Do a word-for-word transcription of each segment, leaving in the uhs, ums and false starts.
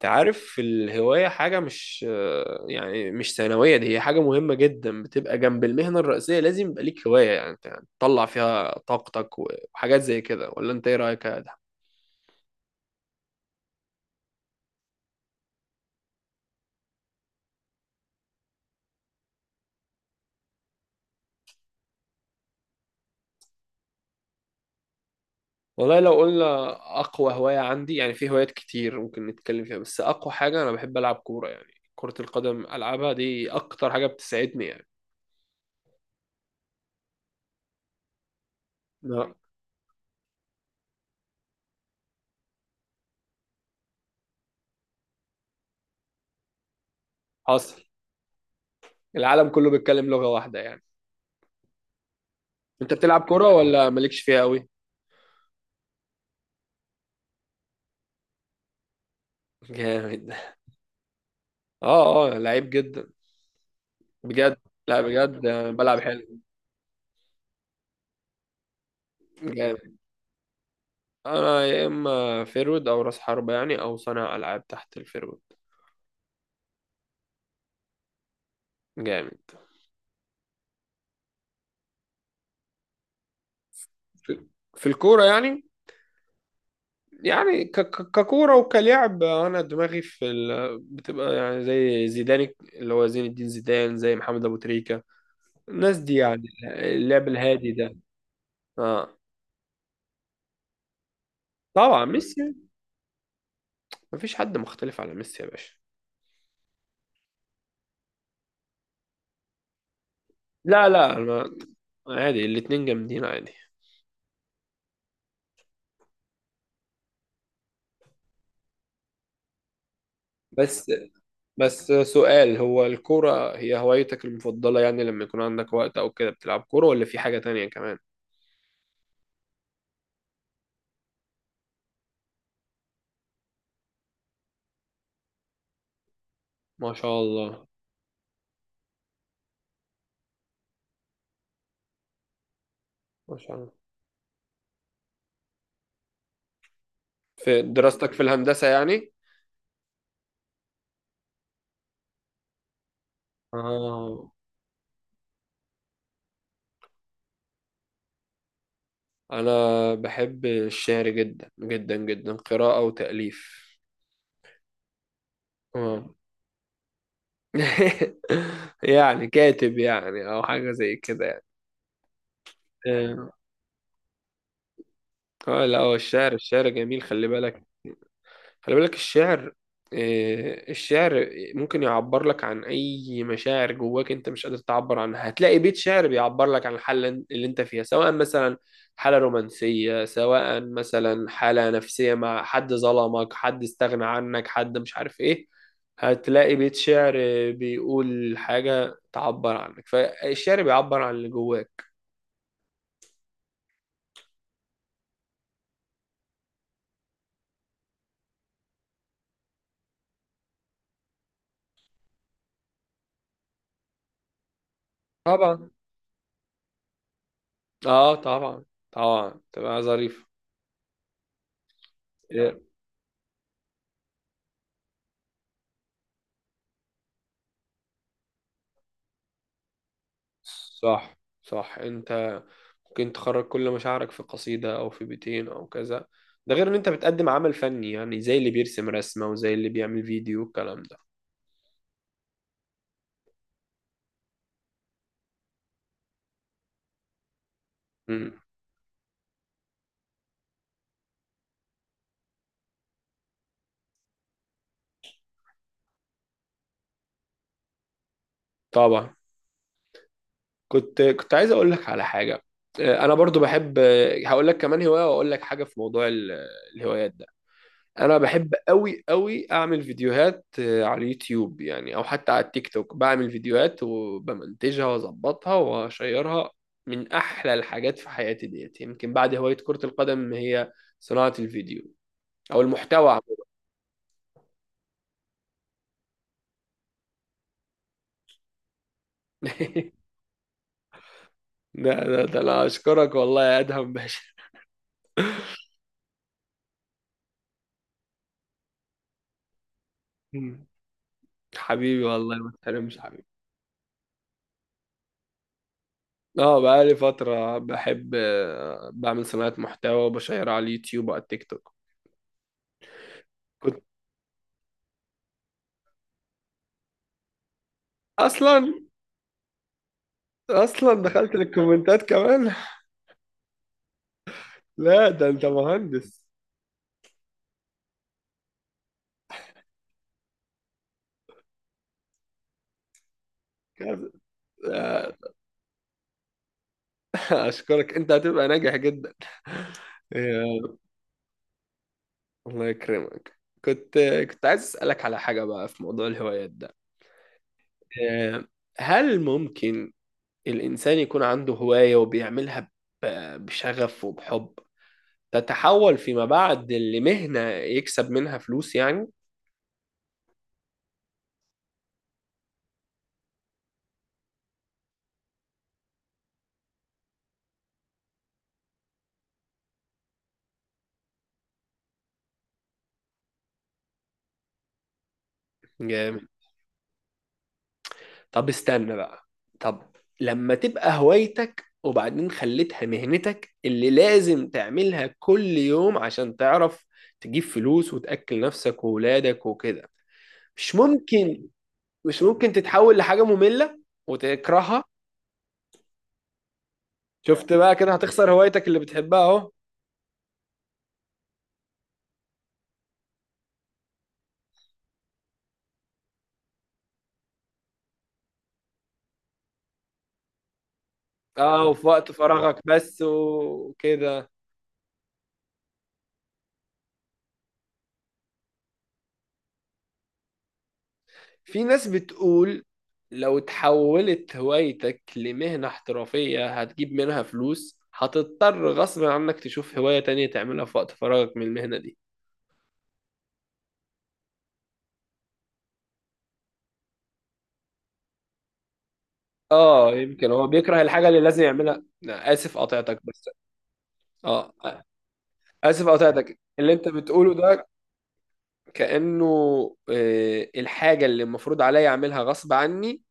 تعرف الهواية حاجة مش، يعني مش ثانوية. دي هي حاجة مهمة جدا، بتبقى جنب المهنة الرئيسية. لازم يبقى ليك هواية، يعني أنت تطلع فيها طاقتك وحاجات زي كده. ولا انت ايه رأيك يا ادهم؟ والله لو قلنا أقوى هواية عندي، يعني في هوايات كتير ممكن نتكلم فيها، بس أقوى حاجة أنا بحب ألعب كورة، يعني كرة القدم. ألعبها دي أكتر حاجة بتسعدني يعني. لا، حصل. العالم كله بيتكلم لغة واحدة يعني. أنت بتلعب كورة ولا مالكش فيها أوي؟ جامد. اه اه، لعيب جدا، بجد. لا بجد، بلعب حلو. جامد. انا يا اما فيرود او راس حربة، يعني او صانع العاب تحت الفيرود. جامد. في في الكورة يعني. يعني ك- ك- ككورة وكلعب، انا دماغي في ال... بتبقى يعني زي زيدان، اللي هو زين الدين زيدان، زي محمد ابو تريكة. الناس دي يعني. اللعب الهادي ده. اه طبعا ميسي. مفيش حد مختلف على ميسي يا باشا. لا لا، أنا- عادي، الاتنين جامدين عادي. بس بس سؤال، هو الكورة هي هوايتك المفضلة؟ يعني لما يكون عندك وقت أو كده بتلعب كورة ولا في حاجة تانية كمان؟ ما شاء الله. ما شاء الله. في دراستك في الهندسة يعني؟ آه، أنا بحب الشعر جدا جدا جدا، قراءة وتأليف. آه. يعني كاتب يعني، أو حاجة زي كده يعني. آه. آه، لا هو الشعر، الشعر جميل. خلي بالك. خلي بالك الشعر. آه، الشعر ممكن يعبر لك عن أي مشاعر جواك أنت مش قادر تعبر عنها. هتلاقي بيت شعر بيعبر لك عن الحالة اللي أنت فيها، سواء مثلا حالة رومانسية، سواء مثلا حالة نفسية مع حد ظلمك، حد استغنى عنك، حد مش عارف إيه. هتلاقي بيت شعر بيقول حاجة تعبر عنك. فالشعر بيعبر عن اللي جواك. طبعا. اه طبعا. طبعا تبقى ظريف. صح صح. انت ممكن تخرج كل مشاعرك في قصيدة او في بيتين او كذا. ده غير ان انت بتقدم عمل فني، يعني زي اللي بيرسم رسمة وزي اللي بيعمل فيديو والكلام ده. امم. طبعا. كنت كنت عايز اقول لك على حاجة. اه، انا برضو بحب، اه، هقول لك كمان هواية واقول لك حاجة في موضوع ال- الهوايات ده. انا بحب قوي قوي اعمل فيديوهات، آه، على اليوتيوب يعني، او حتى على التيك توك. بعمل فيديوهات وبمنتجها واظبطها واشيرها. من احلى الحاجات في حياتي ديت، يمكن بعد هواية كرة القدم، هي صناعة الفيديو او المحتوى عموما. ده ده ده انا اشكرك والله يا ادهم باشا. مم. حبيبي والله، ما تحرمش حبيبي. اه بقالي فترة بحب، آه، بعمل صناعة محتوى وبشيرها على اليوتيوب وعلى التيك توك. كنت. اصلا، اصلا دخلت للكومنتات كمان. لا ده انت مهندس. كذا. آه. اشكرك. انت هتبقى ناجح جدا. يا الله يكرمك. كنت كنت عايز اسالك على حاجه بقى في موضوع الهوايات ده. آه، هل ممكن الانسان يكون عنده هوايه وبيعملها ب- بشغف وبحب، تتحول فيما بعد لمهنه يكسب منها فلوس يعني؟ طب استنى بقى. طب لما تبقى هوايتك وبعدين خليتها مهنتك اللي لازم تعملها كل يوم عشان تعرف تجيب فلوس وتأكل نفسك وولادك وكده، مش ممكن، مش ممكن تتحول لحاجة مملة وتكرهها؟ شفت بقى؟ كده هتخسر هوايتك اللي بتحبها اهو. اه، وفي وقت فراغك بس وكده. في ناس بتقول لو اتحولت هوايتك لمهنة احترافية هتجيب منها فلوس، هتضطر غصب عنك تشوف هواية تانية تعملها في وقت فراغك من المهنة دي. اه، يمكن هو بيكره الحاجة اللي لازم يعملها. لا، آسف قطعتك بس. اه، آسف قطعتك اللي انت بتقوله ده. كأنه، آه، الحاجة اللي المفروض عليا اعملها غصب عني،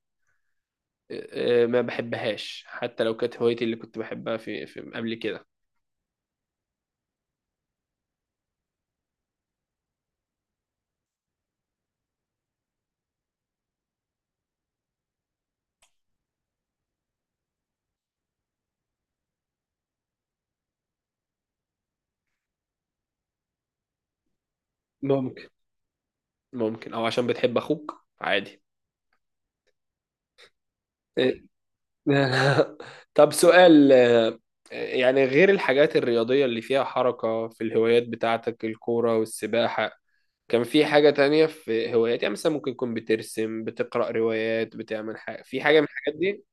آه، آه، ما بحبهاش حتى لو كانت هوايتي اللي كنت بحبها في في قبل كده. ممكن. ممكن او عشان بتحب اخوك عادي. إيه. طب سؤال، آه، يعني غير الحاجات الرياضية اللي فيها حركة في الهوايات بتاعتك، الكورة والسباحة، كان في حاجة تانية في هوايات؟ يعني مثلا ممكن تكون بترسم، بتقرأ روايات، بتعمل حاجة في حاجة من الحاجات دي؟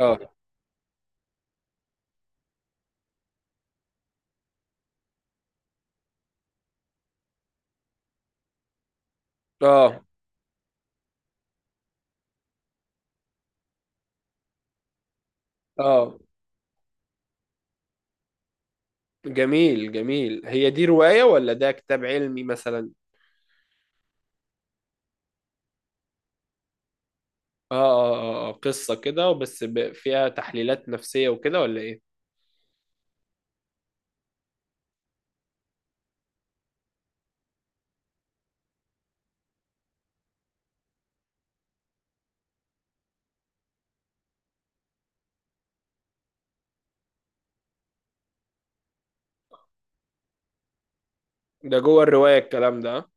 اه. اه اه. جميل جميل. هي دي رواية ولا ده كتاب علمي مثلا؟ اه اه. اه، آه، قصة كده بس ب- فيها تحليلات نفسية وكده، ولا ايه؟ ده جوه الرواية الكلام ده، آه؟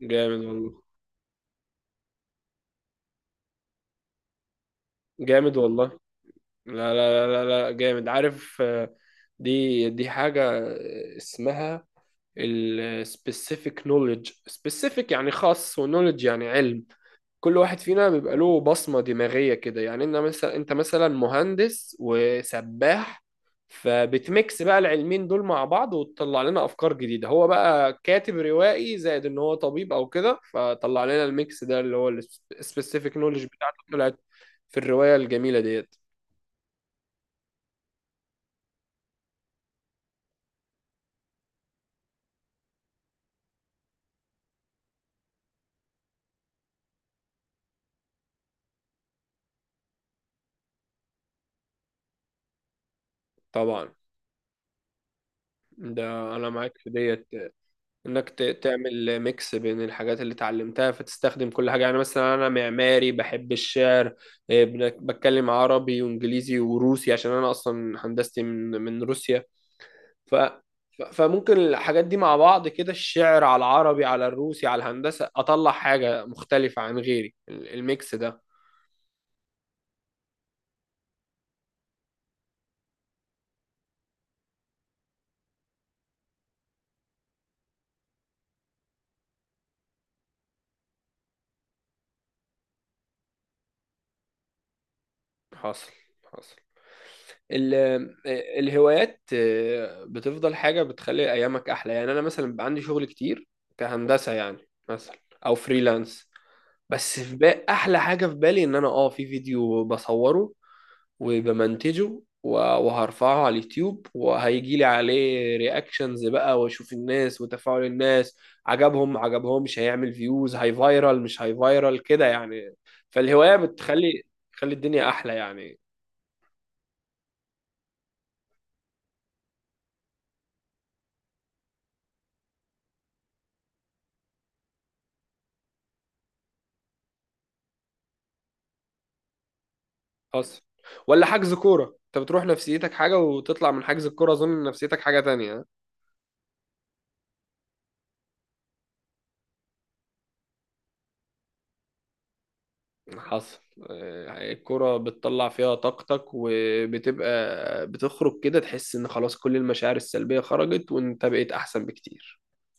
جامد والله. جامد والله. لا لا لا لا لا، جامد، عارف، آه، دي دي حاجة اسمها ال specific knowledge. specific يعني خاص، و knowledge يعني علم. كل واحد فينا بيبقى له بصمة دماغية كده. يعني انت مثلا، انت مثلا مهندس وسباح. فبتميكس بقى العلمين دول مع بعض وتطلع لنا افكار جديدة. هو بقى كاتب روائي زائد ان هو طبيب او كده، فطلع لنا الميكس ده اللي هو ال specific knowledge بتاعته طلعت في الرواية الجميلة ديت. طبعا. ده انا معاك في ديت، انك ت- تعمل ميكس بين الحاجات اللي اتعلمتها فتستخدم كل حاجه. يعني مثلا انا معماري بحب الشعر، إيه، بنك- بتكلم عربي وانجليزي وروسي عشان انا اصلا هندستي من من روسيا. ف ف- فممكن الحاجات دي مع بعض كده، الشعر على العربي على الروسي على الهندسه، اطلع حاجه مختلفه عن غيري، ال- الميكس ده. حاصل. حاصل. ال- آه، الهوايات، آه، بتفضل حاجة بتخلي أيامك أحلى. يعني أنا مثلا بيبقى عندي شغل كتير كهندسة يعني، مثلا، أو فريلانس. بس في بقى أحلى حاجة في بالي، إن أنا أه في فيديو بصوره وبمنتجه و- وهرفعه على اليوتيوب، وهيجي لي عليه رياكشنز بقى، واشوف الناس وتفاعل الناس عجبهم ما عجبهمش، هيعمل فيوز، هاي فايرال مش هاي فايرال كده يعني. فالهواية بتخلي، تخلي الدنيا أحلى يعني. حصل. ولا حجز كورة، انت بتروح نفسيتك حاجة وتطلع من حجز الكورة اظن نفسيتك حاجة تانية. حصل. آه، الكورة بتطلع فيها طاقتك وبتبقى بتخرج كده، تحس ان خلاص كل المشاعر السلبية خرجت وانت بقيت احسن بكتير.